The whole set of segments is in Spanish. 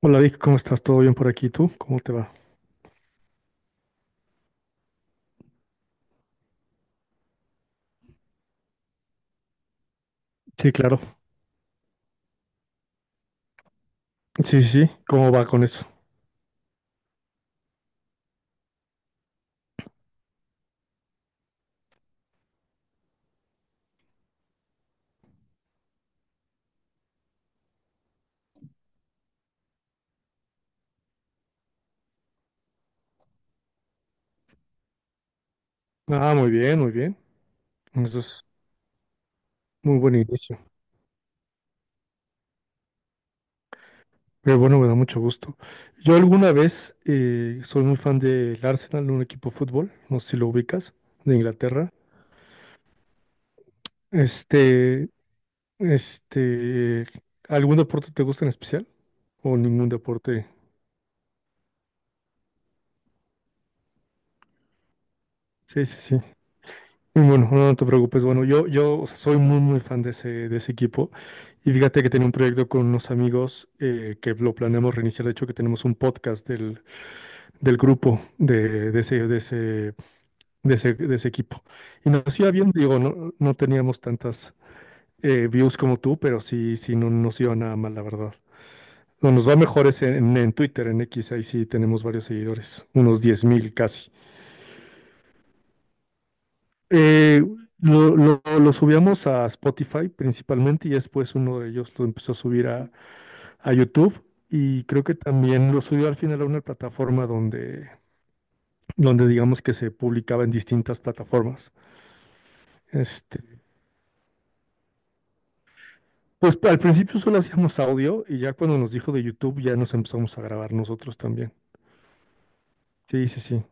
Hola Vic, ¿cómo estás? ¿Todo bien por aquí? ¿Tú? ¿Cómo te va? Sí, claro. Sí, sí, sí. ¿Cómo va con eso? Ah, muy bien, muy bien. Eso es muy buen inicio. Pero bueno, me da mucho gusto. Yo alguna vez soy muy fan del Arsenal, un equipo de fútbol, no sé si lo ubicas, de Inglaterra. Este, este, ¿Algún deporte te gusta en especial? ¿O ningún deporte? Sí, sí, sí. Bueno, no, no te preocupes. Bueno, yo o sea, soy muy, muy fan de ese equipo. Y fíjate que tenía un proyecto con unos amigos que lo planeamos reiniciar. De hecho, que tenemos un podcast del grupo de ese equipo. Y nos iba bien, digo, no teníamos tantas views como tú, pero sí, sí, no nos iba nada mal, la verdad. Lo nos va mejor es en Twitter, en X, ahí sí tenemos varios seguidores, unos 10 mil casi. Eh, lo subíamos a Spotify principalmente y después uno de ellos lo empezó a subir a YouTube y creo que también lo subió al final a una plataforma donde digamos que se publicaba en distintas plataformas. Este, pues al principio solo hacíamos audio y ya cuando nos dijo de YouTube ya nos empezamos a grabar nosotros también. Sí, sí, sí.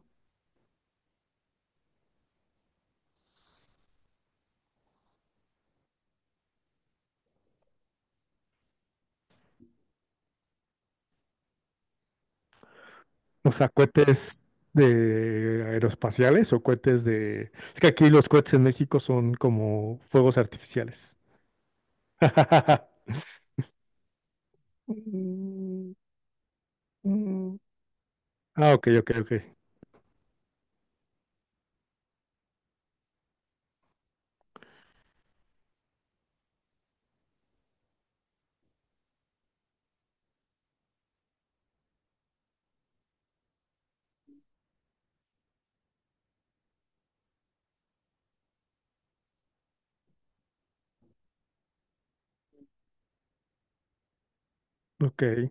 O sea, cohetes de aeroespaciales o cohetes de... Es que aquí los cohetes en México son como fuegos artificiales. Mm, mm. Ah, ok, ok, ok, ok.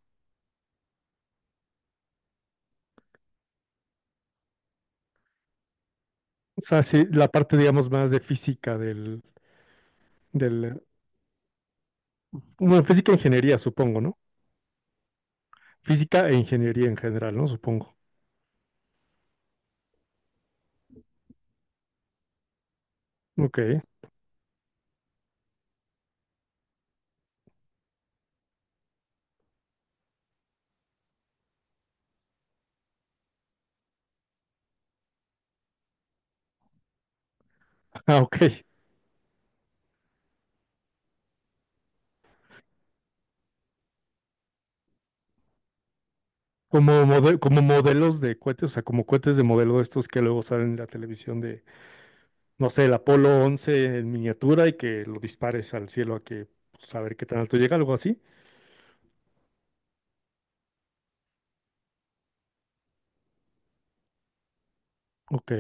O sea, sí, la parte, digamos, más de física del, bueno, física e ingeniería, supongo, ¿no? Física e ingeniería en general, ¿no? Supongo. Ok. Ah, ok. Como, como modelos de cohetes, o sea, como cohetes de modelo de estos que luego salen en la televisión de, no sé, el Apolo 11 en miniatura y que lo dispares al cielo a que, pues, a ver qué tan alto llega, algo así. Ok,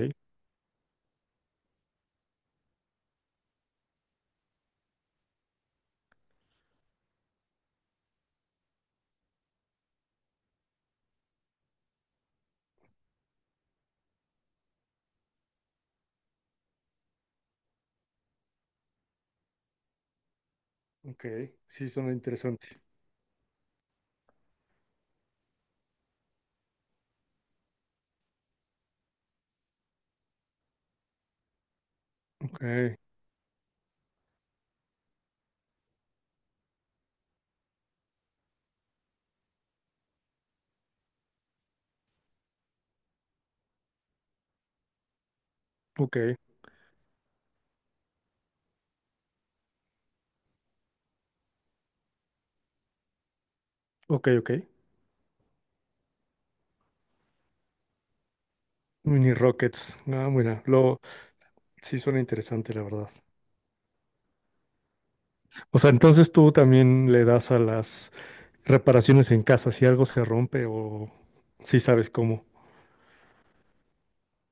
ok. Sí, suena interesante. Ok, ok, ok, ok. Mini Rockets. Ah, mira, lo, sí suena interesante, la verdad. O sea, entonces tú también le das a las reparaciones en casa si algo se rompe o si sabes cómo.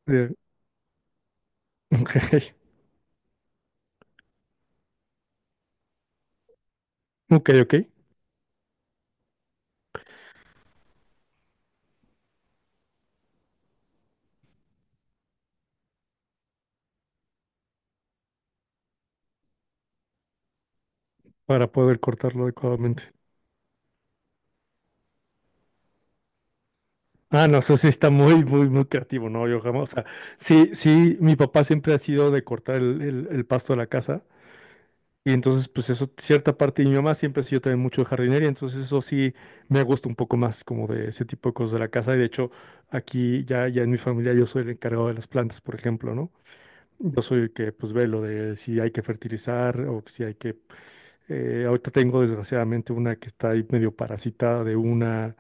Eh, ok, ok, ok, para poder cortarlo adecuadamente. Ah, no, eso sí está muy, muy, muy creativo, ¿no? Yo jamás, o sea, sí, sí, mi papá siempre ha sido de cortar el pasto de la casa. Y entonces, pues eso, cierta parte, y mi mamá siempre ha sido también mucho de jardinería, entonces eso sí me gusta un poco más como de ese tipo de cosas de la casa. Y de hecho, aquí ya en mi familia yo soy el encargado de las plantas, por ejemplo, ¿no? Yo soy el que pues ve lo de si hay que fertilizar o si hay que ahorita tengo desgraciadamente una que está ahí medio parasitada de una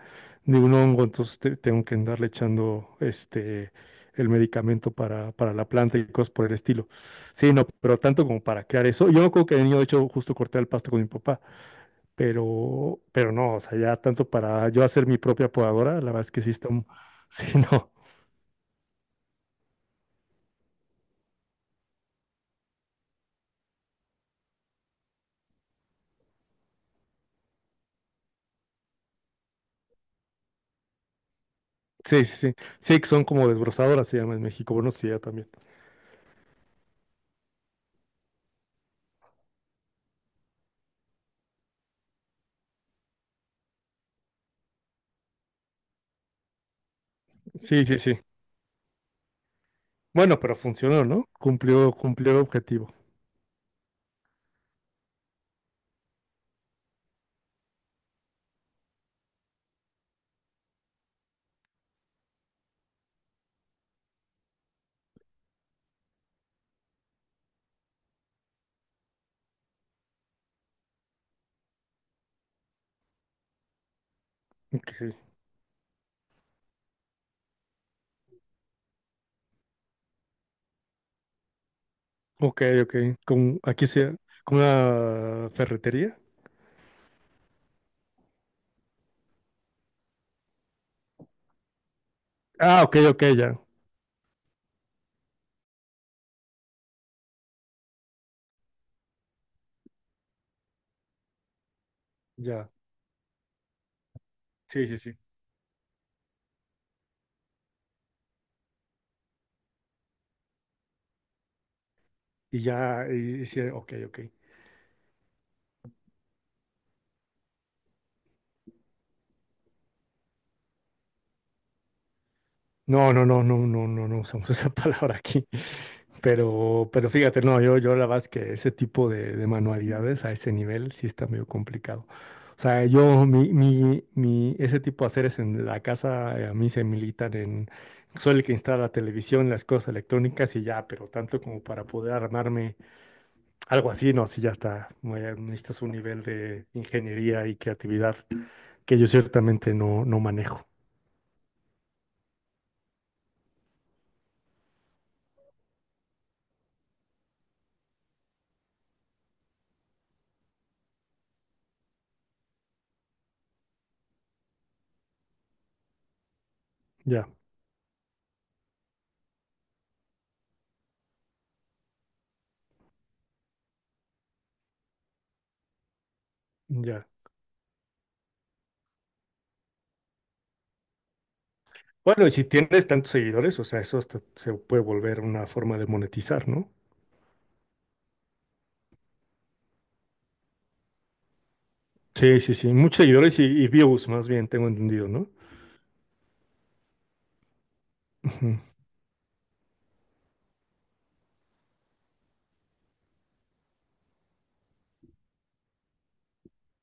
de un hongo, entonces tengo que andarle echando este el medicamento para la planta y cosas por el estilo. Sí, no, pero tanto como para crear eso. Yo me acuerdo que de niño, de hecho, justo corté el pasto con mi papá, pero no, o sea, ya tanto para yo hacer mi propia podadora, la verdad es que sí está, un- sí, no. Sí, sí, sí. Sí, que son como desbrozadoras, se llama en México. Bueno, sí, ya también. Sí, sí, sí. Bueno, pero funcionó, ¿no? Cumplió, cumplió el objetivo. Ok. Ok, ok. Con, aquí sea con una ferretería. Ah, ok, ok, ya. Ya. Sí, sí, sí. Y sí, ok, ok. No, no, no, no, no, no, no usamos esa palabra aquí. Pero fíjate, no, yo la verdad es que ese tipo de manualidades a ese nivel sí está medio complicado. O sea, yo, mi, ese tipo de haceres en la casa, a mí se militan en, soy el que instala la televisión, las cosas electrónicas y ya, pero tanto como para poder armarme algo así, no, sí, ya está. Necesitas un nivel de ingeniería y creatividad que yo ciertamente no, no manejo. Ya, ya. Bueno, y si tienes tantos seguidores, o sea, eso hasta se puede volver una forma de monetizar, ¿no? Sí, sí, sí. Muchos seguidores y views, más bien, tengo entendido, ¿no? Ujú.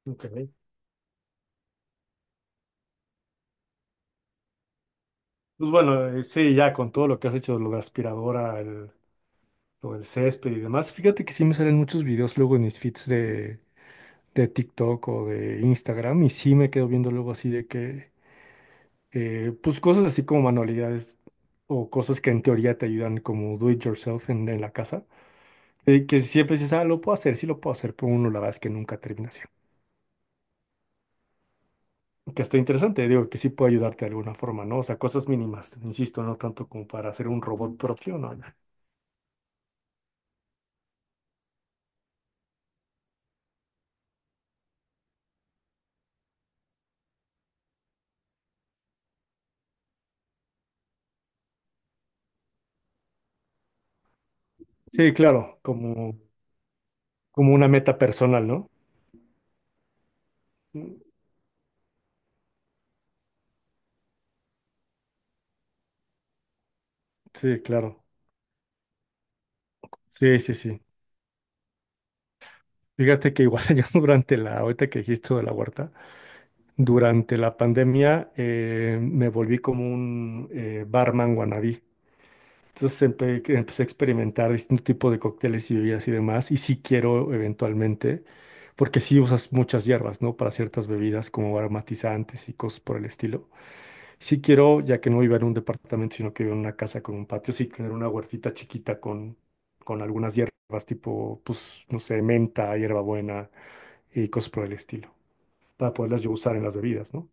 Ok. Pues bueno, sí, ya con todo lo que has hecho, lo de aspiradora, lo del césped y demás, fíjate que sí me salen muchos videos luego en mis feeds de TikTok o de Instagram y sí me quedo viendo luego así de que pues cosas así como manualidades o cosas que en teoría te ayudan como do it yourself en la casa, que siempre dices, ah, lo puedo hacer, sí lo puedo hacer, pero uno la verdad es que nunca termina haciendo. Que está interesante, digo, que sí puede ayudarte de alguna forma, ¿no? O sea, cosas mínimas, insisto, no tanto como para hacer un robot propio, ¿no? Sí, claro, como, como una meta personal, ¿no? Mm. Sí, claro. Sí, sí, sí. Fíjate que igual yo durante la, ahorita que dijiste lo de la huerta, durante la pandemia me volví como un barman wannabe. Entonces que empecé a experimentar distintos tipos de cócteles y bebidas y demás. Y sí quiero eventualmente, porque sí usas muchas hierbas, ¿no? Para ciertas bebidas como aromatizantes y cosas por el estilo. Sí quiero, ya que no vivo en un departamento, sino que vivo en una casa con un patio, sí tener una huertita chiquita con algunas hierbas tipo, pues, no sé, menta, hierbabuena y cosas por el estilo, para poderlas yo usar en las bebidas, ¿no?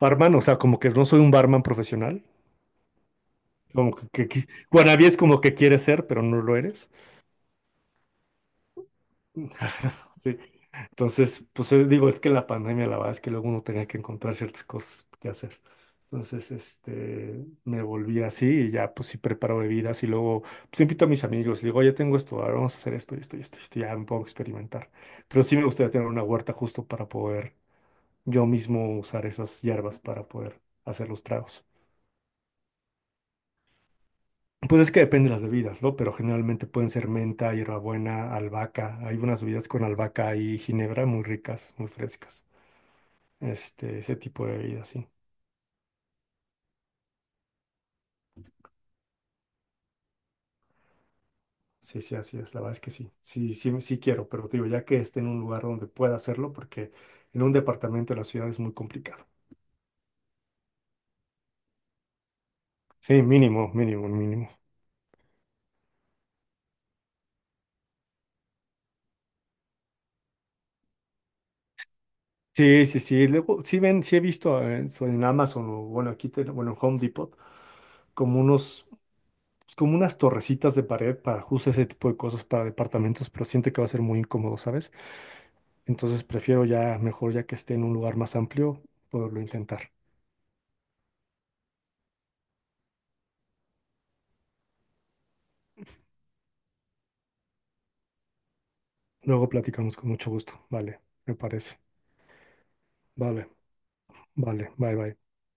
Barman, o sea, como que no soy un barman profesional. Que, wannabe es como que quieres ser, pero no lo eres. Sí. Entonces, pues digo, es que la pandemia, la verdad es que luego uno tenía que encontrar ciertas cosas que hacer. Entonces, este, me volví así y ya, pues sí preparo bebidas y luego, pues invito a mis amigos y digo, oye, tengo esto, ahora vamos a hacer esto y esto y esto, y esto, ya me puedo experimentar. Pero sí me gustaría tener una huerta justo para poder yo mismo usar esas hierbas para poder hacer los tragos. Pues es que depende de las bebidas, ¿no? Pero generalmente pueden ser menta, hierbabuena, albahaca. Hay unas bebidas con albahaca y ginebra muy ricas, muy frescas. Este, ese tipo de bebidas, sí. Sí, sí, así es. La verdad es que sí. Sí, sí, sí quiero, pero te digo, ya que esté en un lugar donde pueda hacerlo, porque en un departamento de la ciudad es muy complicado. Sí, mínimo, mínimo, mínimo. Sí, sí, sí. Luego, sí ven, sí he visto en Amazon o bueno, aquí, bueno, en Home Depot, como unos pues, como unas torrecitas de pared para justo ese tipo de cosas para departamentos, pero siento que va a ser muy incómodo, ¿sabes? Entonces prefiero ya, mejor ya que esté en un lugar más amplio, poderlo intentar. Luego platicamos con mucho gusto. Vale, me parece. Vale, vale, bye, bye.